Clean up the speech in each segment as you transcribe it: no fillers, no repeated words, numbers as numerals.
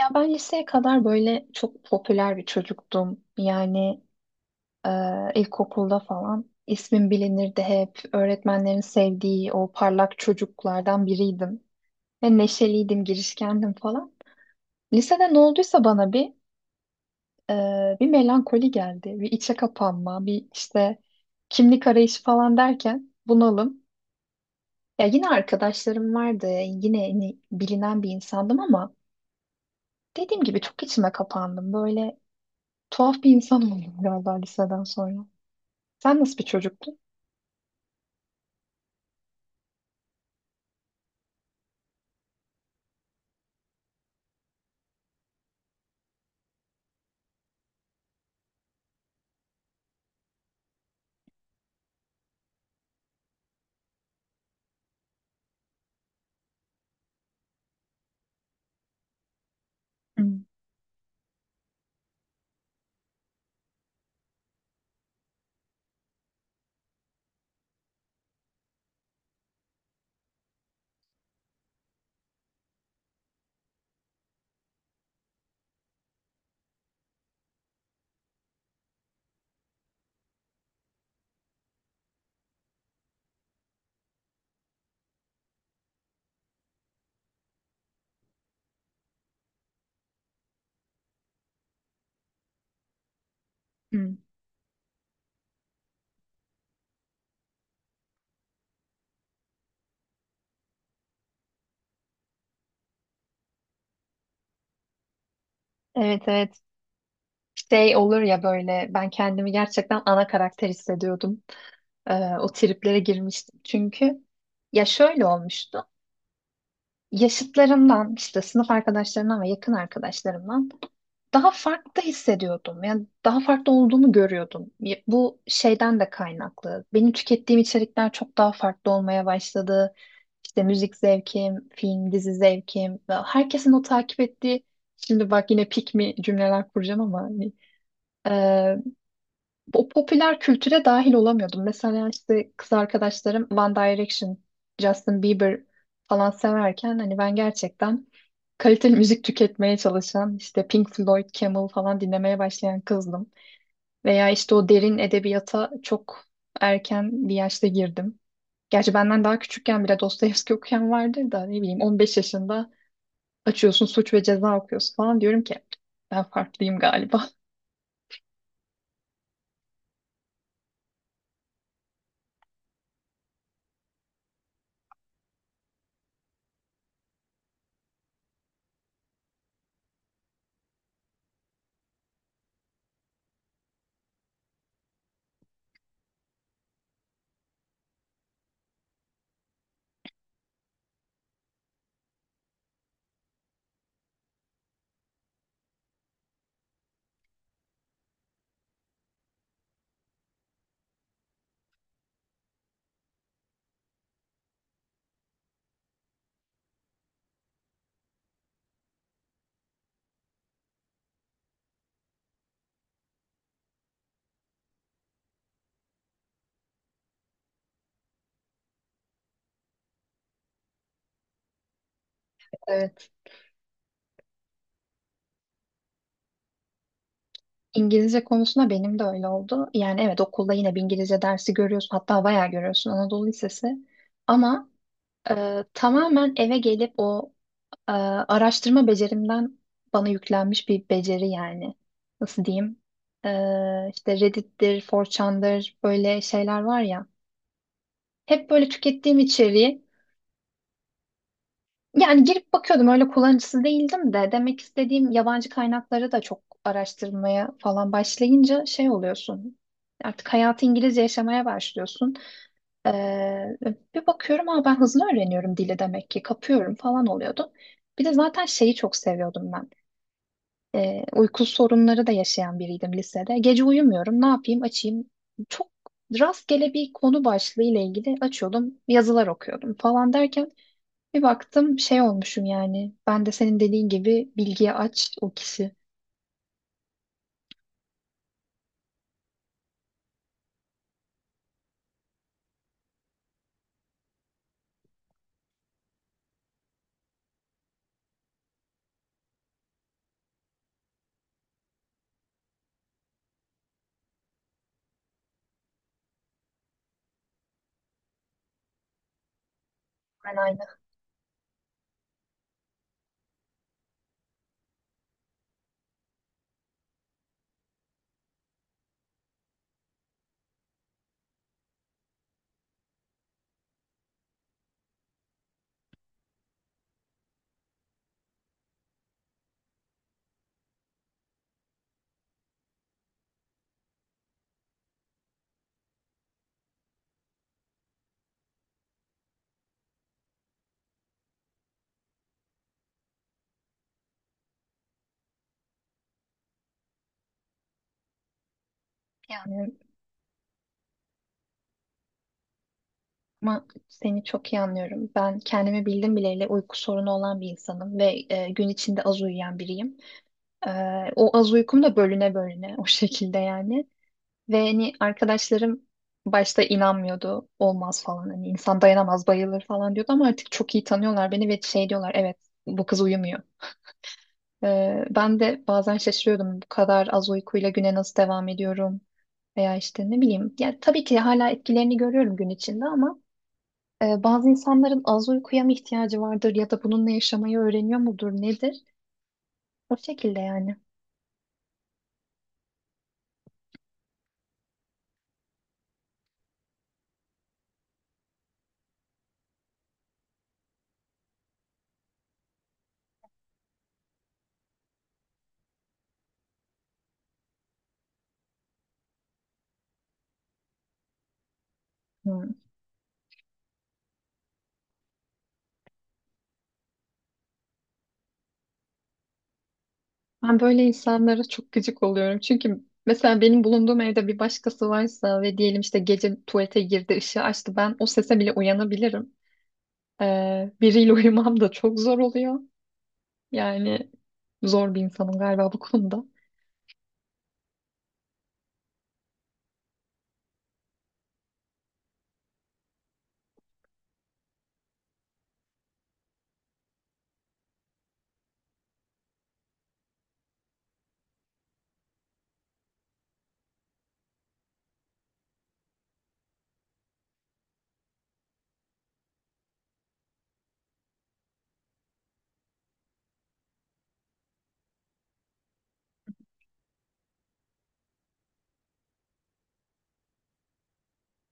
Ya ben liseye kadar böyle çok popüler bir çocuktum. Yani e, ilkokulda falan ismim bilinirdi hep. Öğretmenlerin sevdiği o parlak çocuklardan biriydim. Ve neşeliydim, girişkendim falan. Lisede ne olduysa bana bir melankoli geldi. Bir içe kapanma, bir işte kimlik arayışı falan derken bunalım. Ya yine arkadaşlarım vardı. Yine hani bilinen bir insandım ama dediğim gibi çok içime kapandım. Böyle tuhaf bir insan oldum galiba liseden sonra. Sen nasıl bir çocuktun? Hı, hı. Evet, evet. Şey olur ya böyle ben kendimi gerçekten ana karakter hissediyordum. Ee, O triplere girmiştim. Çünkü ya şöyle olmuştu. Yaşıtlarımdan işte sınıf arkadaşlarımdan ve yakın arkadaşlarımdan daha farklı hissediyordum. Yani daha farklı olduğumu görüyordum. Bu şeyden de kaynaklı. Benim tükettiğim içerikler çok daha farklı olmaya başladı. İşte müzik zevkim, film, dizi zevkim ve herkesin o takip ettiği, şimdi bak yine pick me cümleler kuracağım ama hani, o popüler kültüre dahil olamıyordum. Mesela işte kız arkadaşlarım One Direction, Justin Bieber falan severken hani ben gerçekten kaliteli müzik tüketmeye çalışan işte Pink Floyd, Camel falan dinlemeye başlayan kızdım. Veya işte o derin edebiyata çok erken bir yaşta girdim. Gerçi benden daha küçükken bile Dostoyevski okuyan vardır da ne bileyim 15 yaşında açıyorsun Suç ve Ceza okuyorsun falan diyorum ki ben farklıyım galiba. Evet. İngilizce konusunda benim de öyle oldu. Yani evet okulda yine bir İngilizce dersi görüyorsun, hatta bayağı görüyorsun, Anadolu Lisesi. Ama tamamen eve gelip o araştırma becerimden bana yüklenmiş bir beceri yani. Nasıl diyeyim? E, işte Reddit'tir, 4chan'dır böyle şeyler var ya. Hep böyle tükettiğim içeriği yani girip bakıyordum, öyle kullanıcısı değildim de, demek istediğim yabancı kaynakları da çok araştırmaya falan başlayınca şey oluyorsun. Artık hayatı İngilizce yaşamaya başlıyorsun. Ee, Bir bakıyorum ama ben hızlı öğreniyorum dili, demek ki kapıyorum falan oluyordu. Bir de zaten şeyi çok seviyordum ben. Uyku sorunları da yaşayan biriydim lisede. Gece uyumuyorum, ne yapayım, açayım. Çok rastgele bir konu başlığı ile ilgili açıyordum, yazılar okuyordum falan derken bir baktım şey olmuşum yani. Ben de senin dediğin gibi bilgiye aç o kişi. Ben aynı. Yani ama seni çok iyi anlıyorum. Ben kendimi bildim bileli uyku sorunu olan bir insanım ve gün içinde az uyuyan biriyim. E, O az uykum da bölüne bölüne, o şekilde yani. Ve hani arkadaşlarım başta inanmıyordu. Olmaz falan, hani insan dayanamaz bayılır falan diyordu ama artık çok iyi tanıyorlar beni ve şey diyorlar, evet, bu kız uyumuyor. Ben de bazen şaşırıyordum, bu kadar az uykuyla güne nasıl devam ediyorum veya işte ne bileyim. Yani tabii ki hala etkilerini görüyorum gün içinde ama bazı insanların az uykuya mı ihtiyacı vardır ya da bununla yaşamayı öğreniyor mudur nedir? O şekilde yani. Ben böyle insanlara çok gıcık oluyorum. Çünkü mesela benim bulunduğum evde bir başkası varsa ve diyelim işte gece tuvalete girdi, ışığı açtı, ben o sese bile uyanabilirim. Biriyle uyumam da çok zor oluyor. Yani zor bir insanım galiba bu konuda.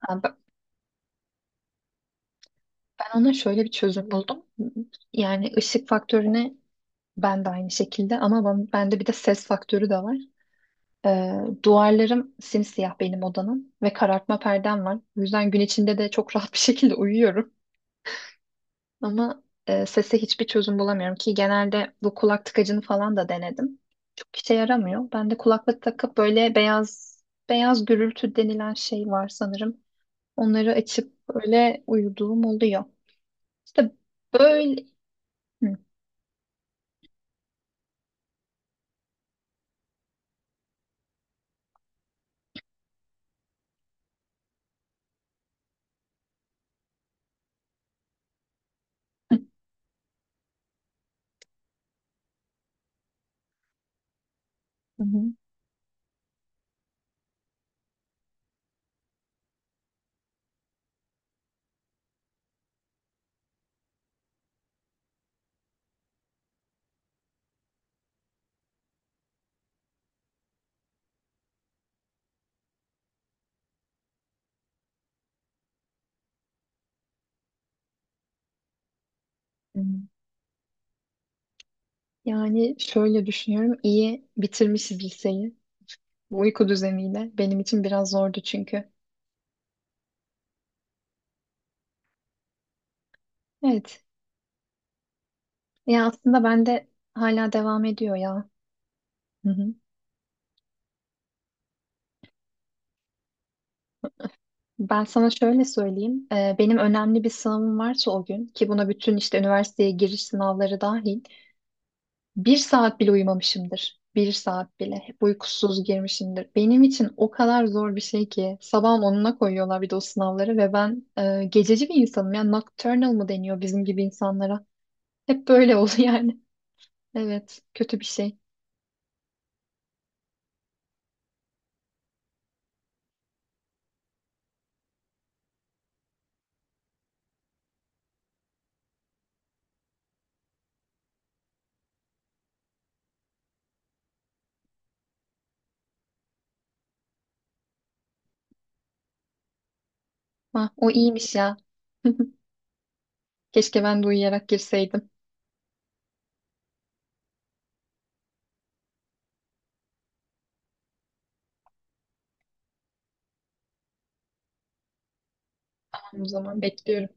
Ha, ben ona şöyle bir çözüm buldum. Yani ışık faktörüne ben de aynı şekilde ama bende bir de ses faktörü de var. Duvarlarım simsiyah benim odanın ve karartma perdem var. O yüzden gün içinde de çok rahat bir şekilde uyuyorum. Ama sese hiçbir çözüm bulamıyorum ki, genelde bu kulak tıkacını falan da denedim. Çok işe yaramıyor. Ben de kulaklık takıp böyle beyaz gürültü denilen şey var sanırım. Onları açıp öyle uyuduğum oluyor. İşte böyle. Hı. Hı. Hı hı. Yani şöyle düşünüyorum, iyi bitirmişiz liseyi. Bu uyku düzeniyle benim için biraz zordu çünkü. Evet. Ya aslında ben de hala devam ediyor ya. Hı hı. Ben sana şöyle söyleyeyim. Benim önemli bir sınavım varsa o gün ki buna bütün işte üniversiteye giriş sınavları dahil bir saat bile uyumamışımdır. Bir saat bile. Hep uykusuz girmişimdir. Benim için o kadar zor bir şey ki sabahın onuna koyuyorlar bir de o sınavları ve ben gececi bir insanım. Yani nocturnal mı deniyor bizim gibi insanlara? Hep böyle oldu yani. Evet, kötü bir şey. Ha, o iyiymiş ya. Keşke ben de uyuyarak girseydim. O zaman bekliyorum.